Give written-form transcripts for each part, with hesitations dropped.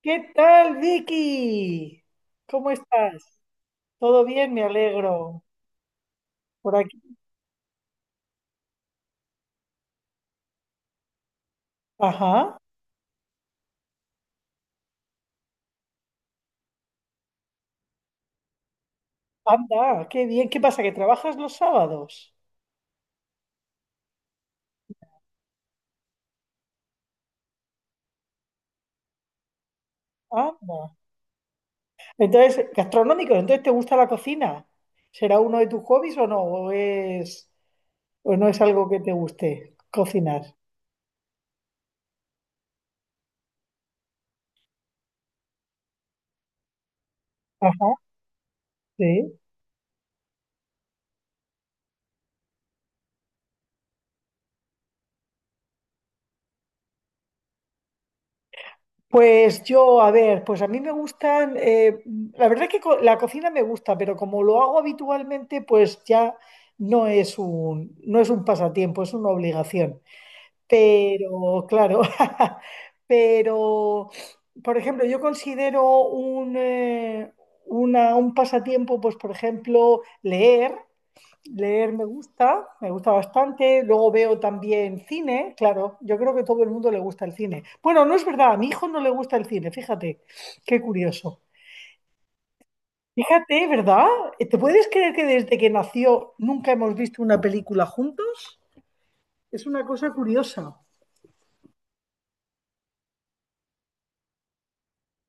¿Qué tal, Vicky? ¿Cómo estás? ¿Todo bien? Me alegro. Por aquí. Ajá. Anda, qué bien. ¿Qué pasa? ¿Que trabajas los sábados? Anda. Entonces, gastronómico, entonces, ¿te gusta la cocina? ¿Será uno de tus hobbies o no? O no es algo que te guste cocinar? Ajá, sí. Pues yo, a ver, pues a mí me gustan, la verdad que la cocina me gusta, pero como lo hago habitualmente, pues ya no es un pasatiempo, es una obligación. Pero, claro, pero, por ejemplo, yo considero un pasatiempo, pues por ejemplo, leer. Leer me gusta bastante. Luego veo también cine, claro. Yo creo que todo el mundo le gusta el cine. Bueno, no es verdad, a mi hijo no le gusta el cine, fíjate, qué curioso. Fíjate, ¿verdad? ¿Te puedes creer que desde que nació nunca hemos visto una película juntos? Es una cosa curiosa.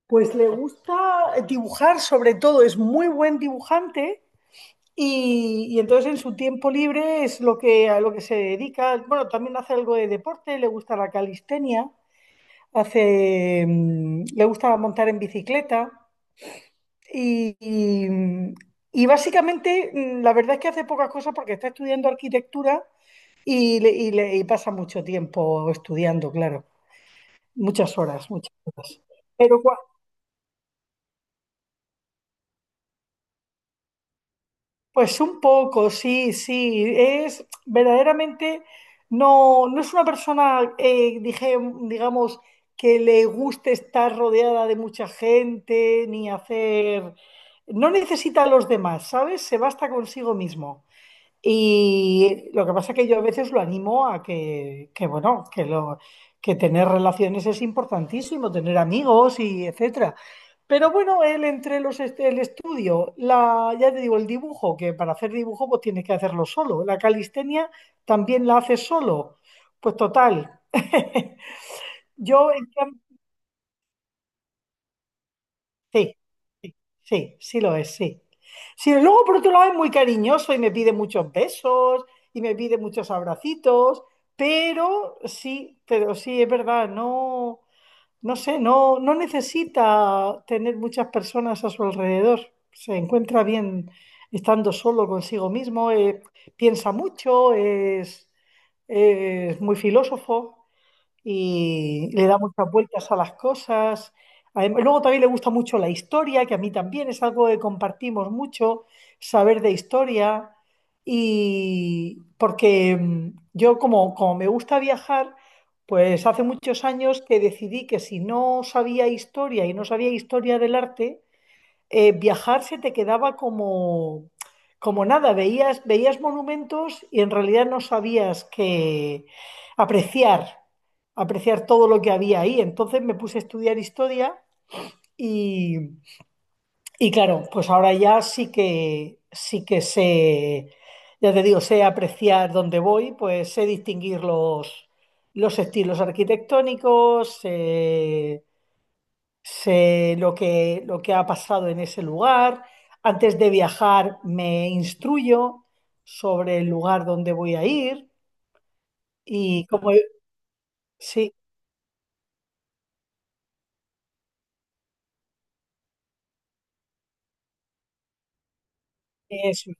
Pues le gusta dibujar, sobre todo. Es muy buen dibujante y, entonces en su tiempo libre es a lo que se dedica. Bueno, también hace algo de deporte, le gusta la calistenia. Le gusta montar en bicicleta y, y, mm, y básicamente, la verdad es que hace pocas cosas porque está estudiando arquitectura y pasa mucho tiempo estudiando, claro, muchas horas, muchas horas. Pero, cua- Pues un poco, sí, sí. Es verdaderamente, no, no es una persona, digamos, que le guste estar rodeada de mucha gente, ni hacer... No necesita a los demás, ¿sabes? Se basta consigo mismo. Y lo que pasa es que yo a veces lo animo a que, bueno, que lo, que tener relaciones es importantísimo, tener amigos, y etcétera. Pero bueno, él, entre el estudio, la, ya te digo, el dibujo, que para hacer dibujo pues tienes que hacerlo solo. La calistenia también la haces solo. Pues total. Yo Sí, sí, sí, sí lo es, sí. Sí, luego por otro lado es muy cariñoso y me pide muchos besos y me pide muchos abracitos, pero sí, es verdad. No, no sé, no, no necesita tener muchas personas a su alrededor. Se encuentra bien estando solo consigo mismo. Piensa mucho, es muy filósofo y le da muchas vueltas a las cosas. Luego también le gusta mucho la historia, que a mí también es algo que compartimos mucho, saber de historia. Y porque, yo, como me gusta viajar, pues hace muchos años que decidí que si no sabía historia y no sabía historia del arte, viajar se te quedaba como, como nada. Veías monumentos y en realidad no sabías que apreciar, apreciar, todo lo que había ahí. Entonces me puse a estudiar historia y, y claro, pues ahora ya sí que sé, ya te digo, sé apreciar dónde voy, pues sé distinguir los estilos arquitectónicos, sé lo que ha pasado en ese lugar. Antes de viajar me instruyo sobre el lugar donde voy a ir y como sí, eso.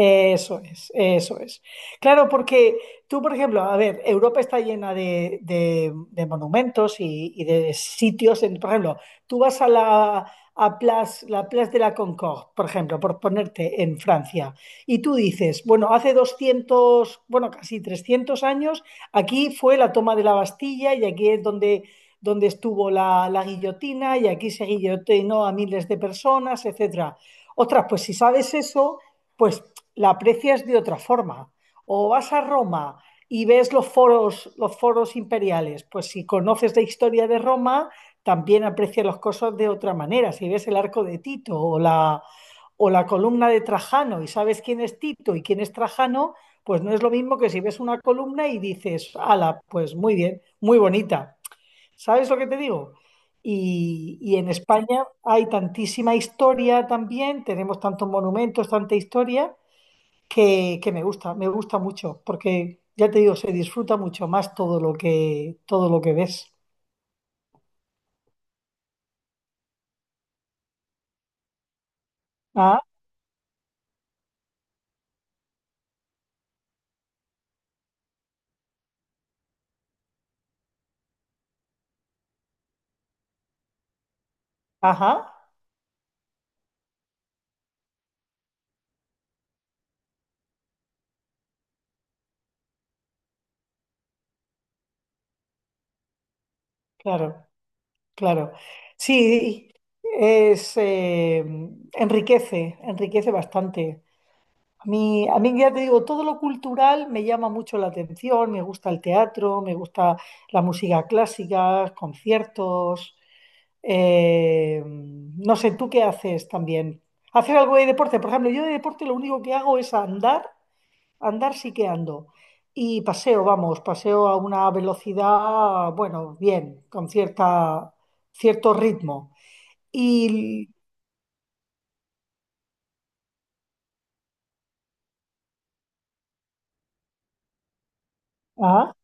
Eso es, eso es. Claro, porque tú, por ejemplo, a ver, Europa está llena de monumentos y de sitios. En, por ejemplo, tú vas a la a Place, la Place de la Concorde, por ejemplo, por ponerte en Francia, y tú dices, bueno, hace casi 300 años, aquí fue la toma de la Bastilla y aquí es donde, estuvo la guillotina y aquí se guillotinó a miles de personas, etcétera. Otras, pues si sabes eso, pues la aprecias de otra forma. O vas a Roma y ves los foros, imperiales. Pues si conoces la historia de Roma, también aprecias las cosas de otra manera. Si ves el arco de Tito o la columna de Trajano, y sabes quién es Tito y quién es Trajano, pues no es lo mismo que si ves una columna y dices, ala, pues muy bien, muy bonita. ¿Sabes lo que te digo? Y en España hay tantísima historia también, tenemos tantos monumentos, tanta historia, que me gusta mucho, porque ya te digo, se disfruta mucho más todo lo que ves. Ah, ajá, claro, claro. Sí, es, eh, enriquece, bastante. A mí ya te digo, todo lo cultural me llama mucho la atención, me gusta el teatro, me gusta la música clásica, conciertos. No sé, ¿tú qué haces también? ¿Haces algo de deporte? Por ejemplo, yo de deporte lo único que hago es andar, andar sí que ando. Y paseo, vamos, paseo a una velocidad, bueno, bien, con cierto ritmo. Y... Ah,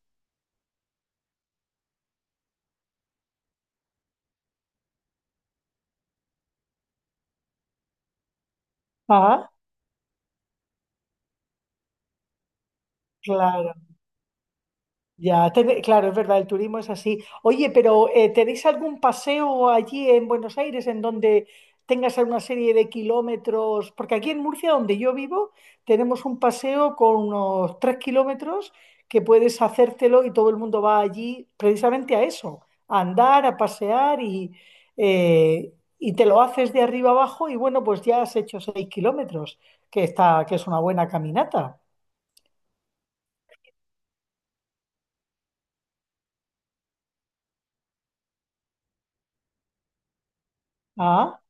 ah, claro. Ya, claro, es verdad, el turismo es así. Oye, pero, ¿tenéis algún paseo allí en Buenos Aires en donde tengas una serie de kilómetros? Porque aquí en Murcia, donde yo vivo, tenemos un paseo con unos 3 kilómetros que puedes hacértelo, y todo el mundo va allí precisamente a eso, a andar, a pasear, y y te lo haces de arriba abajo y bueno, pues ya has hecho 6 kilómetros, que está, que es una buena caminata. Ah,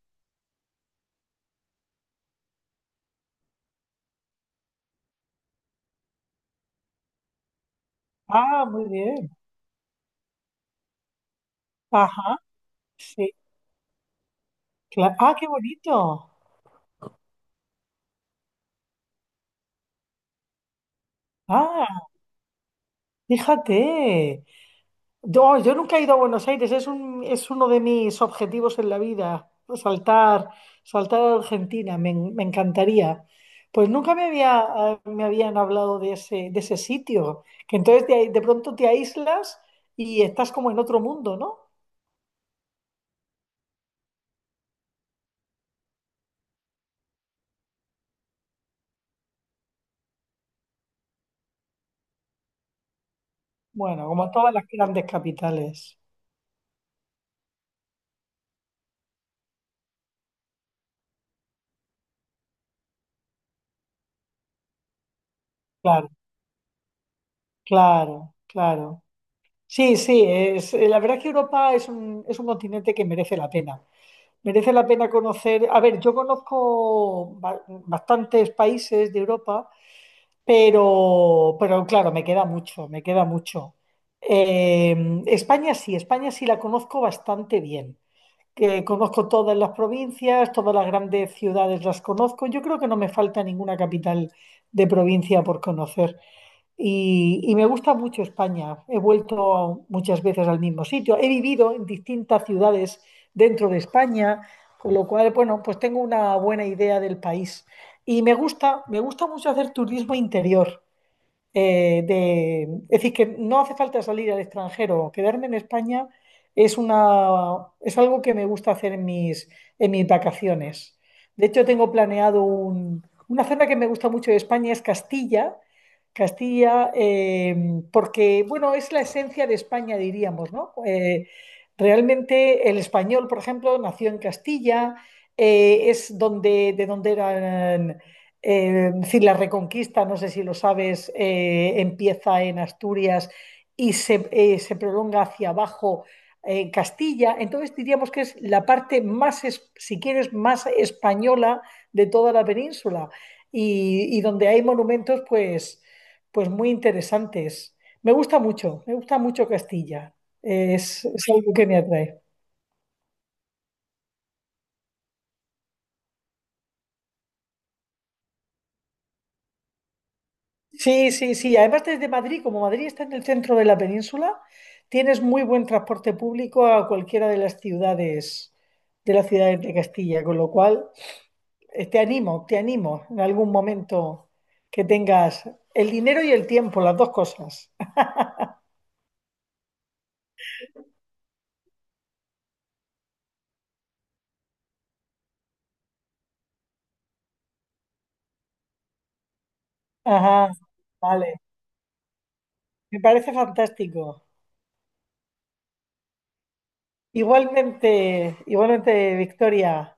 ah, muy bien. Ajá. Sí. Ah, qué bonito. Ah, fíjate. Yo, oh, yo nunca he ido a Buenos Aires, es un, es uno de mis objetivos en la vida, saltar, saltar a Argentina. Me encantaría. Pues nunca me habían hablado de ese sitio, que entonces, de pronto te aíslas y estás como en otro mundo, ¿no? Bueno, como todas las grandes capitales. Claro, claro, claro. Sí, sí, la verdad es que Europa es un, continente que merece la pena. Merece la pena conocer. A ver, yo conozco bastantes países de Europa, pero claro, me queda mucho, me queda mucho. España sí la conozco bastante bien, que conozco todas las provincias, todas las grandes ciudades las conozco. Yo creo que no me falta ninguna capital de provincia por conocer. Y me gusta mucho España. He vuelto muchas veces al mismo sitio. He vivido en distintas ciudades dentro de España, con lo cual, bueno, pues tengo una buena idea del país. Y me gusta mucho hacer turismo interior, de, es decir, que no hace falta salir al extranjero. Quedarme en España es una, es algo que me gusta hacer en mis vacaciones. De hecho, tengo planeado una zona que me gusta mucho de España es Castilla, Castilla, eh, porque, bueno, es la esencia de España, diríamos, ¿no? Realmente el español, por ejemplo, nació en Castilla, es donde, de donde eran, es decir, la Reconquista, no sé si lo sabes, empieza en Asturias y se prolonga hacia abajo, en Castilla. Entonces diríamos que es la parte más, si quieres, más española de toda la península, y donde hay monumentos pues, muy interesantes. Me gusta mucho Castilla. Es algo que me atrae. Sí, sí, sí. Además, desde Madrid, como Madrid está en el centro de la península, tienes muy buen transporte público a cualquiera de las ciudades, de Castilla, con lo cual, te animo en algún momento que tengas el dinero y el tiempo, las dos cosas. Ajá, vale. Me parece fantástico. Igualmente, igualmente, Victoria.